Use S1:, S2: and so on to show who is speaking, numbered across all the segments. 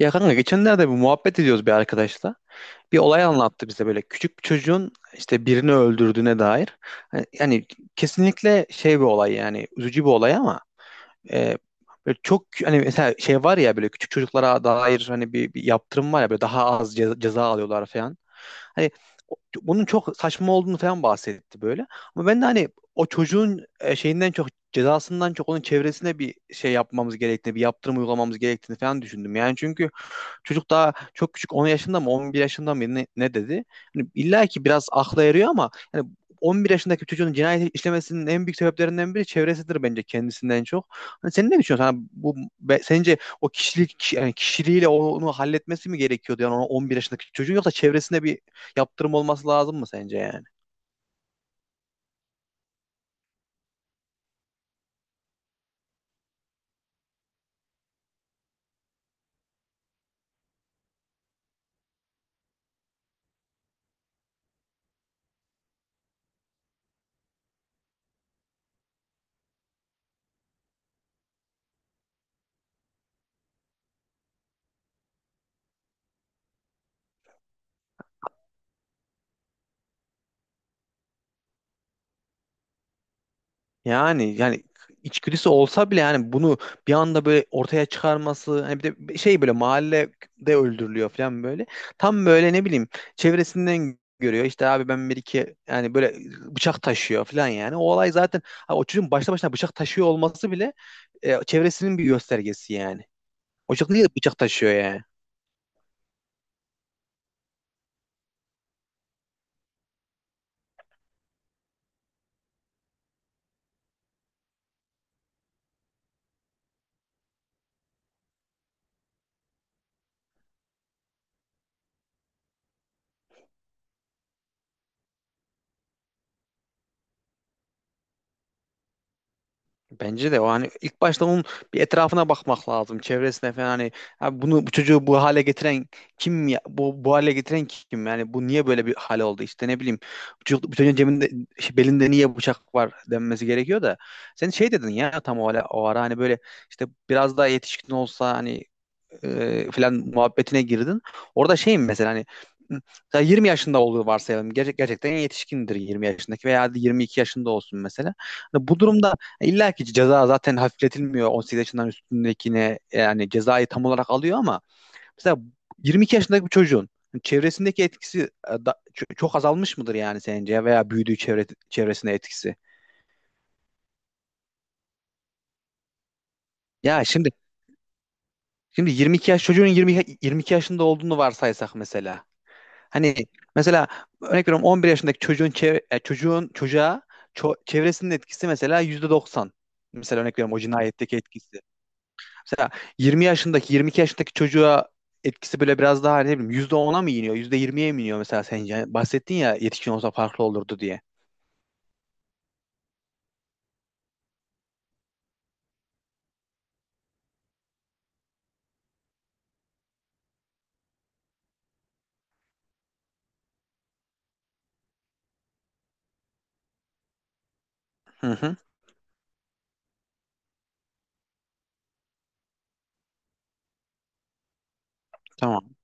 S1: Ya kanka geçenlerde bir muhabbet ediyoruz bir arkadaşla. Bir olay anlattı bize böyle küçük bir çocuğun işte birini öldürdüğüne dair. Yani kesinlikle şey bir olay yani üzücü bir olay ama e, böyle çok hani mesela şey var ya böyle küçük çocuklara dair hani bir yaptırım var ya böyle daha az ceza alıyorlar falan. Hani o- Bunun çok saçma olduğunu falan bahsetti böyle. Ama ben de hani o çocuğun şeyinden çok cezasından çok onun çevresine bir şey yapmamız gerektiğini, bir yaptırım uygulamamız gerektiğini falan düşündüm. Yani çünkü çocuk daha çok küçük, 10 yaşında mı 11 yaşında mı ne dedi? Hani illa ki biraz akla yarıyor ama yani 11 yaşındaki çocuğun cinayet işlemesinin en büyük sebeplerinden biri çevresidir bence, kendisinden çok. Hani sen ne düşünüyorsun? Hani sence o kişilik yani kişiliğiyle onu halletmesi mi gerekiyordu yani o 11 yaşındaki çocuğun, yoksa çevresinde bir yaptırım olması lazım mı sence yani? Yani içgüdüsü olsa bile yani bunu bir anda böyle ortaya çıkarması, hani bir de şey, böyle mahallede öldürülüyor falan böyle. Tam böyle ne bileyim, çevresinden görüyor. İşte abi ben bir iki yani böyle bıçak taşıyor falan yani. O olay zaten, o çocuğun başta başına bıçak taşıyor olması bile çevresinin bir göstergesi yani. O çocuk niye bıçak taşıyor yani? Bence de o hani ilk başta onun bir etrafına bakmak lazım. Çevresine falan, hani, "Abi bunu, bu çocuğu bu hale getiren kim ya? Bu hale getiren kim? Yani bu niye böyle bir hale oldu? İşte ne bileyim. Bu çocuk, bu çocuğun cebinde şey, belinde niye bıçak var" denmesi gerekiyor da. Sen şey dedin ya, tam o ara hani böyle, işte biraz daha yetişkin olsa hani falan muhabbetine girdin. Orada şeyim mesela, hani mesela 20 yaşında olduğu varsayalım. Gerçekten yetişkindir 20 yaşındaki, veya 22 yaşında olsun mesela. Hani bu durumda illa ki ceza zaten hafifletilmiyor 18 yaşından üstündekine, yani cezayı tam olarak alıyor, ama mesela 22 yaşındaki bir çocuğun çevresindeki etkisi çok azalmış mıdır yani sence, veya büyüdüğü çevre, çevresine etkisi? Ya şimdi 22 yaş çocuğun, yirmi iki yaşında olduğunu varsaysak mesela. Hani mesela örnek veriyorum, 11 yaşındaki çocuğun çev- e, çocuğun çocuğa ço- çevresinin etkisi mesela %90. Mesela örnek veriyorum, o cinayetteki etkisi. Mesela 20 yaşındaki 22 yaşındaki çocuğa etkisi böyle biraz daha, hani ne bileyim, %10'a mı iniyor, %20'ye mi iniyor mesela sence? Hani bahsettin ya, yetişkin olsa farklı olurdu diye. Hı hı. Tamam.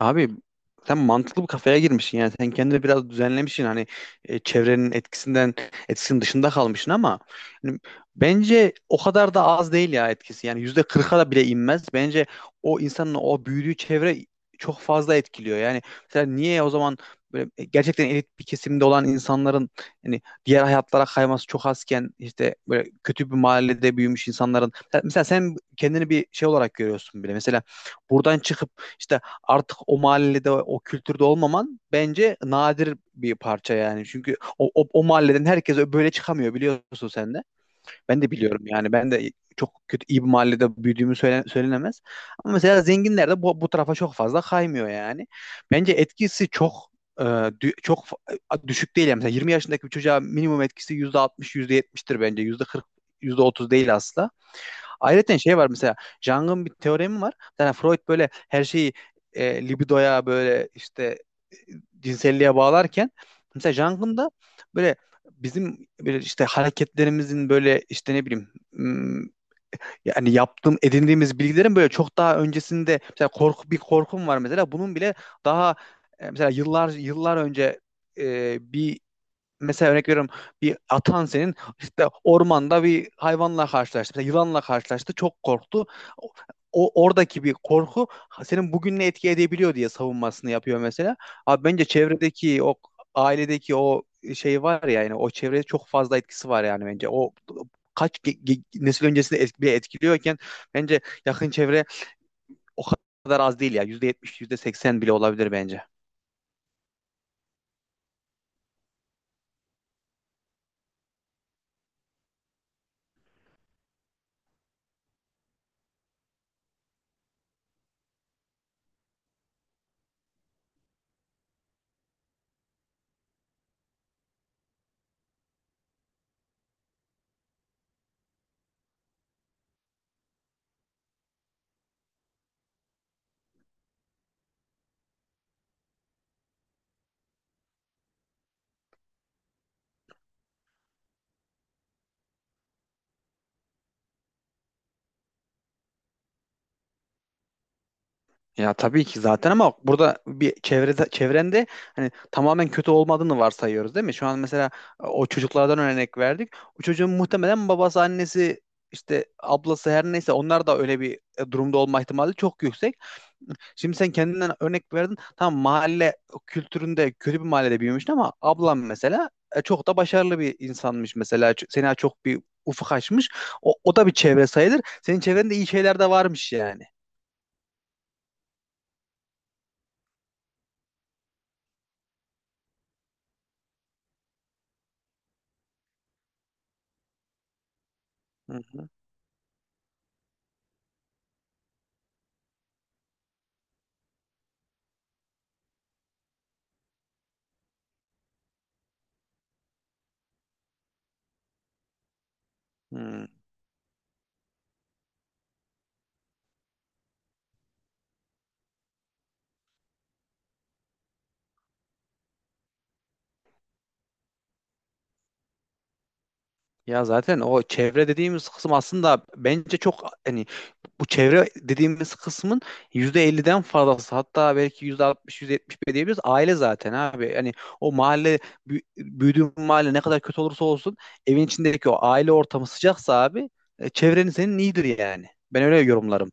S1: Abi sen mantıklı bir kafaya girmişsin yani, sen kendini biraz düzenlemişsin, hani e, çevrenin etkisinden etkisinin dışında kalmışsın, ama hani bence o kadar da az değil ya etkisi, yani yüzde kırka da bile inmez bence. O insanın o büyüdüğü çevre çok fazla etkiliyor yani. Mesela niye o zaman böyle gerçekten elit bir kesimde olan insanların, hani diğer hayatlara kayması çok azken, işte böyle kötü bir mahallede büyümüş insanların, mesela sen kendini bir şey olarak görüyorsun bile mesela, buradan çıkıp işte artık o mahallede o kültürde olmaman bence nadir bir parça yani. Çünkü o mahalleden herkes böyle çıkamıyor, biliyorsun sen de. Ben de biliyorum yani. Ben de çok kötü iyi bir mahallede büyüdüğümü söylenemez. Ama mesela zenginler de bu tarafa çok fazla kaymıyor yani. Bence etkisi çok düşük değil yani. Mesela 20 yaşındaki bir çocuğa minimum etkisi yüzde altmış, yüzde %70'tir bence. Yüzde kırk, yüzde otuz değil asla. Ayrıca şey var mesela, Jung'un bir teoremi var. Yani Freud böyle her şeyi libidoya, böyle işte e, cinselliğe bağlarken, mesela Jung'un da böyle, bizim böyle işte hareketlerimizin böyle işte ne bileyim, hmm, yani yaptığım, edindiğimiz bilgilerin böyle çok daha öncesinde, mesela korku, bir korkum var mesela, bunun bile daha mesela yıllar yıllar önce, bir, mesela örnek veriyorum, bir atan senin işte ormanda bir hayvanla karşılaştı. Mesela yılanla karşılaştı. Çok korktu. O, Oradaki bir korku senin bugünle etki edebiliyor diye savunmasını yapıyor mesela. Abi bence çevredeki o, ailedeki o şey var ya, yani o çevrede çok fazla etkisi var yani bence. O kaç nesil öncesinde bile etkiliyorken, bence yakın çevre o kadar az değil ya. %70, %80 bile olabilir bence. Ya tabii ki zaten, ama burada bir çevrende hani tamamen kötü olmadığını varsayıyoruz değil mi? Şu an mesela o çocuklardan örnek verdik. O çocuğun muhtemelen babası, annesi, işte ablası her neyse, onlar da öyle bir durumda olma ihtimali çok yüksek. Şimdi sen kendinden örnek verdin. Tamam, mahalle kültüründe, kötü bir mahallede büyümüştün, ama ablam mesela çok da başarılı bir insanmış mesela. Sena çok bir ufuk açmış. O da bir çevre sayılır. Senin çevrende iyi şeyler de varmış yani. Hı hı. Hmm. Ya zaten o çevre dediğimiz kısım, aslında bence çok hani, bu çevre dediğimiz kısmın %50'den fazlası, hatta belki %60, %70 bile diyebiliriz aile, zaten abi. Hani o mahalle, büyüdüğün mahalle ne kadar kötü olursa olsun, evin içindeki o aile ortamı sıcaksa abi, çevrenin senin iyidir yani. Ben öyle yorumlarım.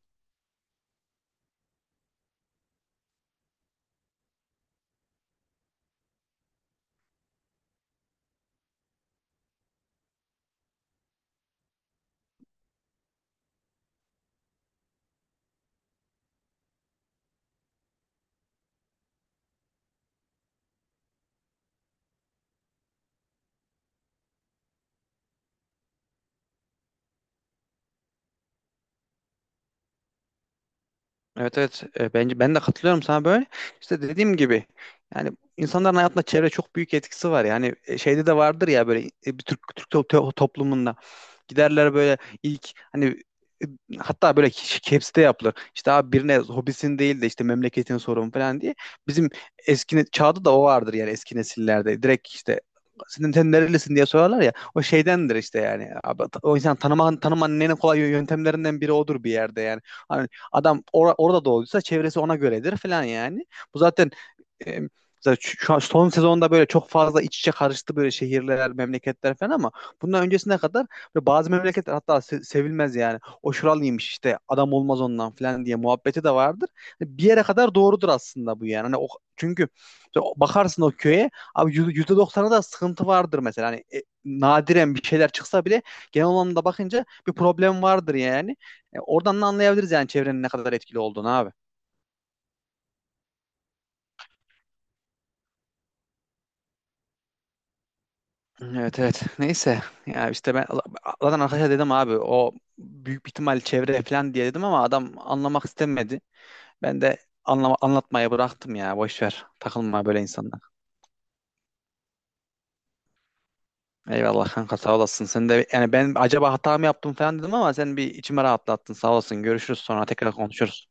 S1: Evet evet. Bence ben de katılıyorum sana böyle. İşte dediğim gibi yani, insanların hayatında çevre çok büyük etkisi var. Yani şeyde de vardır ya, böyle bir Türk toplumunda giderler böyle ilk hani, e, hatta böyle hepsi de yapılır. İşte abi, birine hobisin değil de işte memleketin sorun falan diye. Bizim eski çağda da o vardır yani, eski nesillerde. Direkt işte sen nerelisin diye sorarlar ya, o şeydendir işte, yani abi, o insan tanımanın en kolay yöntemlerinden biri odur bir yerde yani. Hani adam orada doğduysa çevresi ona göredir falan yani. Bu zaten, e, şu an son sezonda böyle çok fazla iç içe karıştı, böyle şehirler, memleketler falan, ama bundan öncesine kadar böyle bazı memleketler hatta sevilmez yani. "O şuralıymış, işte adam olmaz ondan" falan diye muhabbeti de vardır. Hani bir yere kadar doğrudur aslında bu yani. Hani çünkü bakarsın o köye, abi %90'a da sıkıntı vardır mesela. Hani nadiren bir şeyler çıksa bile, genel anlamda bakınca bir problem vardır yani. Oradan da anlayabiliriz yani çevrenin ne kadar etkili olduğunu abi. Evet evet. Neyse. Ya işte ben zaten arkadaşa dedim, abi o büyük bir ihtimal çevre falan diye dedim, ama adam anlamak istemedi. Ben de anlatmaya bıraktım ya. Boş ver. Takılma böyle insanlar. Eyvallah kanka, sağ olasın. Sen de yani, ben acaba hata mı yaptım falan dedim, ama sen bir içime rahatlattın. Sağ olasın. Görüşürüz, sonra tekrar konuşuruz.